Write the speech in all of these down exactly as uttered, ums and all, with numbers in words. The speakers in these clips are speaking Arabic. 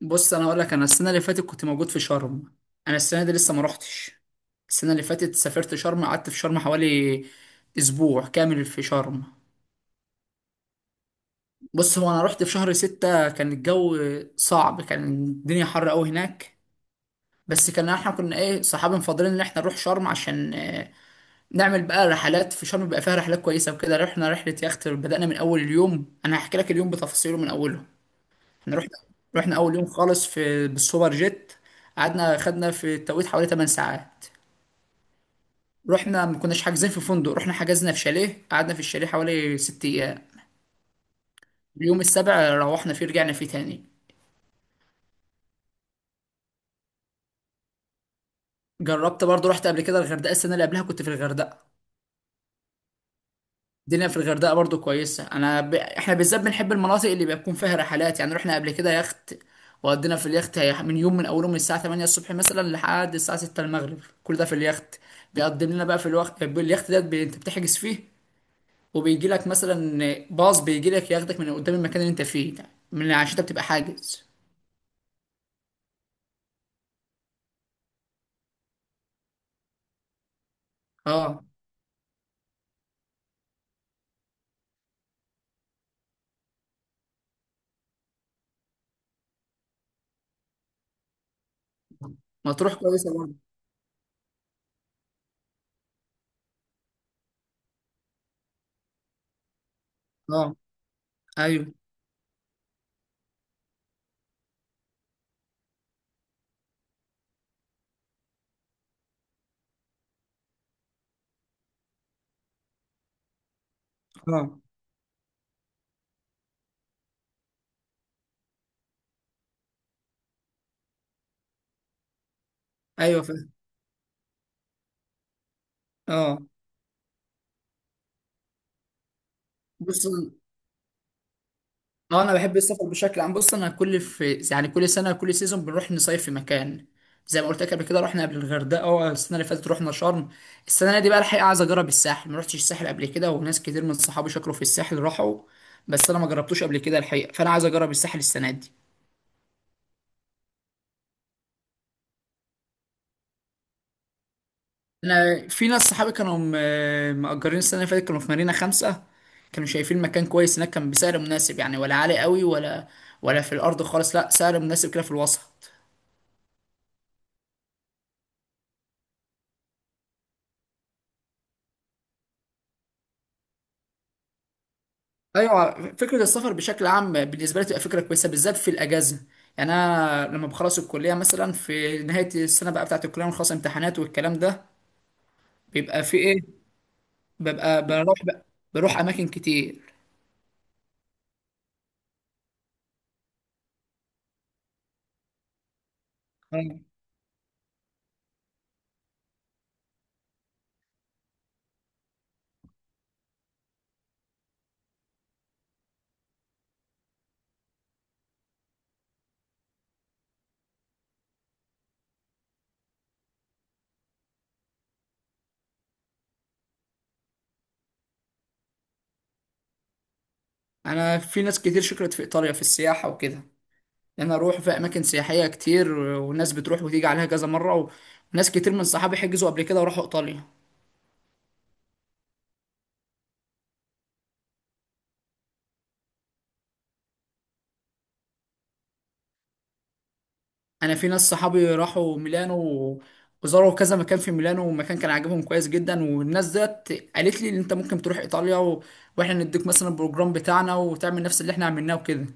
بص، انا اقول لك، انا السنه اللي فاتت كنت موجود في شرم. انا السنه دي لسه ما روحتش. السنه اللي فاتت سافرت شرم، قعدت في شرم حوالي اسبوع كامل في شرم. بص، هو انا رحت في شهر ستة، كان الجو صعب، كان الدنيا حر قوي هناك. بس كان احنا كنا ايه، صحابي مفضلين ان احنا نروح شرم عشان آه، نعمل بقى رحلات في شرم، بيبقى فيها رحلات كويسه وكده. رحنا رحله يخت، بدأنا من اول اليوم. انا هحكي لك اليوم بتفاصيله من اوله. احنا رحنا رحنا اول يوم خالص في بالسوبر جيت. قعدنا خدنا في التوقيت حوالي 8 ساعات. رحنا، ما كناش حاجزين في فندق، رحنا حجزنا في شاليه، قعدنا في الشاليه حوالي 6 ايام. اليوم السابع روحنا فيه رجعنا فيه تاني. جربت برضو، رحت قبل كده الغردقة، السنة اللي قبلها كنت في الغردقة. الدنيا في الغردقه برضو كويسه. انا ب... احنا بالذات بنحب المناطق اللي بيكون فيها رحلات. يعني رحنا قبل كده يخت وقضينا في اليخت هي- من يوم من اوله من الساعه تمانيه الصبح مثلا لحد الساعه سته المغرب. كل ده في اليخت. بيقدم لنا بقى في الوقت اليخت ده، بي... انت بتحجز فيه، وبيجي لك مثلا باص بيجي لك ياخدك من قدام المكان اللي انت فيه ده، من عشان انت بتبقى حاجز. اه، مطروح كويسه برضه. اه، ايوه. اه، ايوه، فاهم. اه. بص، اه، انا بحب السفر بشكل عام. بص، انا كل في يعني كل سنه، كل سيزون بنروح نصيف في مكان. زي ما قلت لك قبل كده رحنا قبل الغردقه، اه، السنه اللي فاتت رحنا شرم. السنه دي بقى الحقيقه عايز اجرب الساحل، ما رحتش الساحل قبل كده، وناس كتير من صحابي شكروا في الساحل راحوا، بس انا ما جربتوش قبل كده الحقيقه، فانا عايز اجرب الساحل السنه دي. انا في ناس صحابي كانوا م- مأجرين السنه اللي فاتت، كانوا في مارينا خمسة، كانوا شايفين مكان كويس هناك، كان بسعر مناسب يعني، ولا عالي قوي، ولا ولا في الارض خالص، لا، سعر مناسب كده في الوسط. ايوه، فكره السفر بشكل عام بالنسبه لي تبقى فكره كويسه، بالذات في الاجازه. يعني انا لما بخلص الكليه مثلا في نهايه السنه بقى بتاعه الكليه ونخلص امتحانات والكلام ده، بيبقى في ايه، ببقى بروح بقى بروح اماكن كتير. أيوة. انا في ناس كتير شكرت في ايطاليا في السياحه وكده. انا اروح في اماكن سياحيه كتير، والناس بتروح وتيجي عليها كذا مره، و- وناس كتير من صحابي حجزوا قبل كده وراحوا ايطاليا. انا في ناس صحابي راحوا ميلانو و- وزاروا كذا مكان في ميلانو، ومكان كان عاجبهم كويس جدا، والناس ديت قالت لي ان انت ممكن تروح ايطاليا و... واحنا نديك مثلا البروجرام بتاعنا وتعمل نفس اللي احنا عملناه وكده.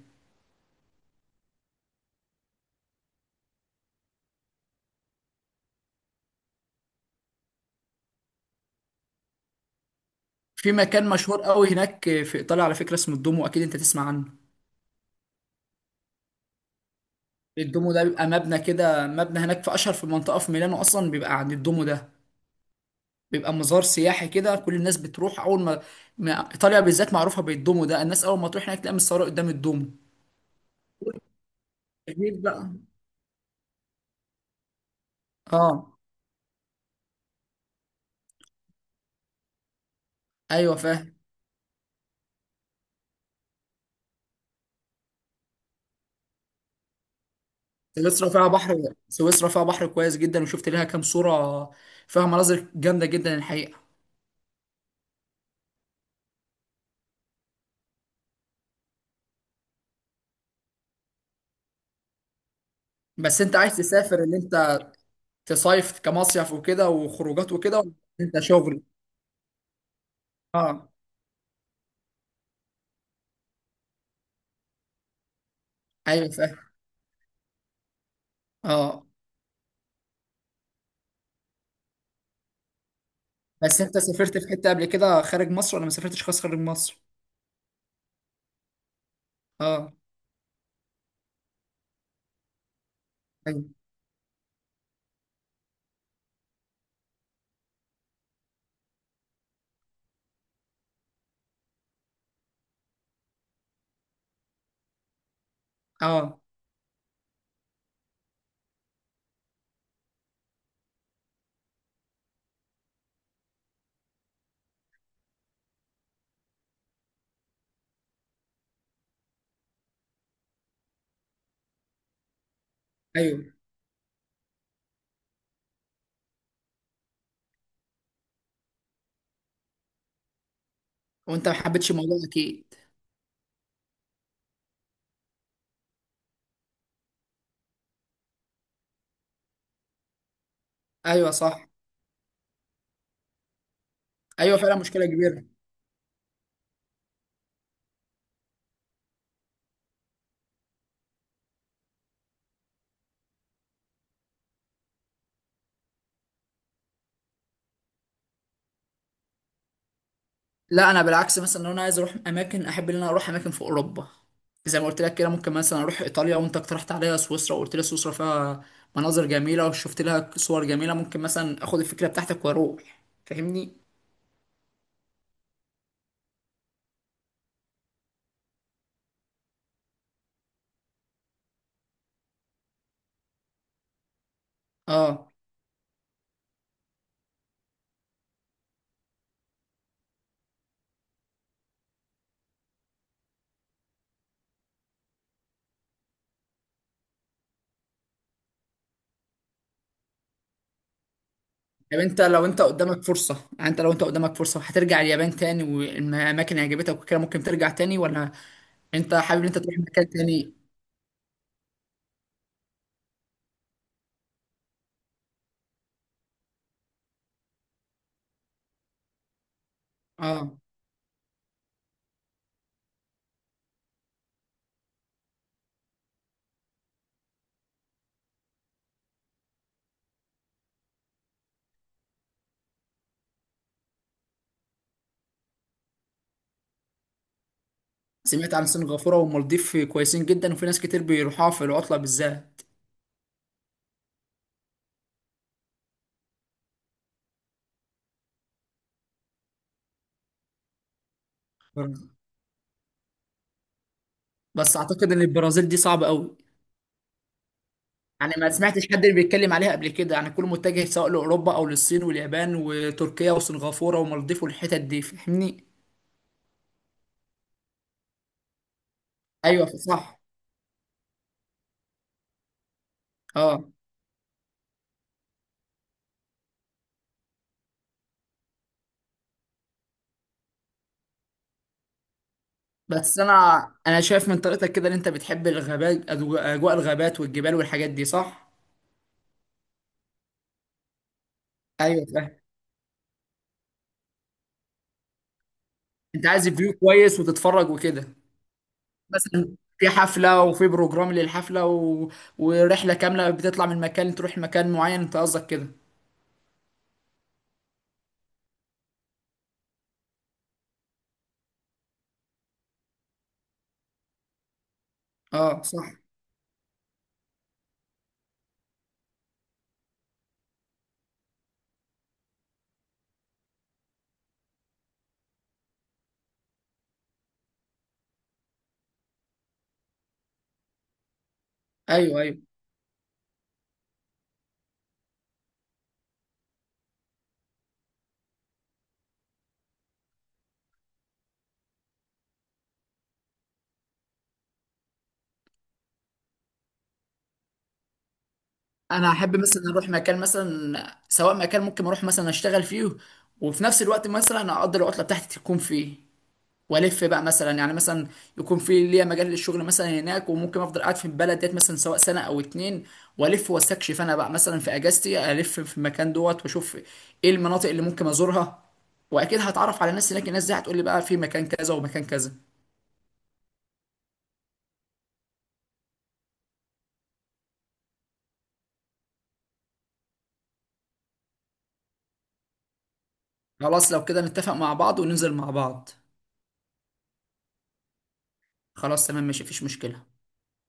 في مكان مشهور قوي هناك في ايطاليا على فكره اسمه الدومو، اكيد انت تسمع عنه. الدومو ده بيبقى مبنى كده، مبنى هناك في اشهر في منطقه في ميلانو، اصلا بيبقى عند الدومو ده، بيبقى مزار سياحي كده، كل الناس بتروح اول ما ما- ايطاليا بالذات معروفه بالدومو ده، الناس اول ما تروح هناك تلاقي متصوره قدام الدومو. غير بقى. اه، ايوه، فاهم. سويسرا فيها بحر سويسرا فيها بحر كويس جدا، وشفت لها كام صورة، فيها مناظر جامدة جدا الحقيقة. بس انت عايز تسافر ان انت تصيف كمصيف وكده وخروجات وكده، ولا انت شغل؟ اه، ايوه، فاهم. اه، بس انت سافرت في حتة قبل كده خارج مصر، ولا ما سافرتش خالص خارج مصر؟ اه، ايوه. اه، ايوه. وانت ما حبيتش الموضوع اكيد. ايوه، صح. ايوه، فعلا مشكلة كبيرة. لا، انا بالعكس مثلا لو انا عايز اروح اماكن، احب ان انا اروح اماكن في اوروبا. زي ما قلت لك كده، ممكن مثلا اروح ايطاليا، وانت اقترحت عليا سويسرا وقلت لي سويسرا فيها مناظر جميله وشفت لها صور جميله، ممكن مثلا اخد الفكره بتاعتك واروح، فاهمني. اه، طب انت لو انت قدامك فرصه يعني انت لو انت قدامك فرصه هترجع اليابان تاني، والاماكن اللي عجبتك وكده، ممكن ترجع تاني، ولا انت حابب ان انت تروح مكان تاني؟ اه، سمعت عن سنغافوره والمالديف كويسين جدا، وفي ناس كتير بيروحوها في العطله بالذات. بس اعتقد ان البرازيل دي صعبه قوي، يعني ما سمعتش حد اللي بيتكلم عليها قبل كده، يعني كله متجه سواء لاوروبا او للصين واليابان وتركيا وسنغافوره ومالديف والحتت دي، فاهمني. ايوه، صح. اه، بس انا انا شايف من طريقتك كده ان انت بتحب الغابات، أجو- اجواء الغابات والجبال والحاجات دي، صح؟ ايوه، فاهم. انت عايز فيو كويس وتتفرج وكده، مثلا في حفله، وفي بروجرام للحفله، و... ورحله كامله، بتطلع من مكان تروح مكان معين، انت قصدك كده؟ اه، صح. ايوه، ايوه. انا احب مثلا اروح مكان، مثلا سواء مكان ممكن اروح مثلا اشتغل فيه، وفي نفس الوقت مثلا اقدر العطله بتاعتي تكون فيه، والف بقى مثلا، يعني مثلا يكون في ليا مجال للشغل مثلا هناك، وممكن افضل قاعد في البلد ديت مثلا سواء سنه او اتنين، والف واستكشف انا بقى مثلا في اجازتي، الف في المكان دوت واشوف ايه المناطق اللي ممكن ازورها، واكيد هتعرف على ناس هناك، الناس دي هتقول لي بقى في مكان كذا ومكان كذا. خلاص، لو كده نتفق مع بعض وننزل مع بعض. خلاص، تمام، ماشي، مفيش مشكله.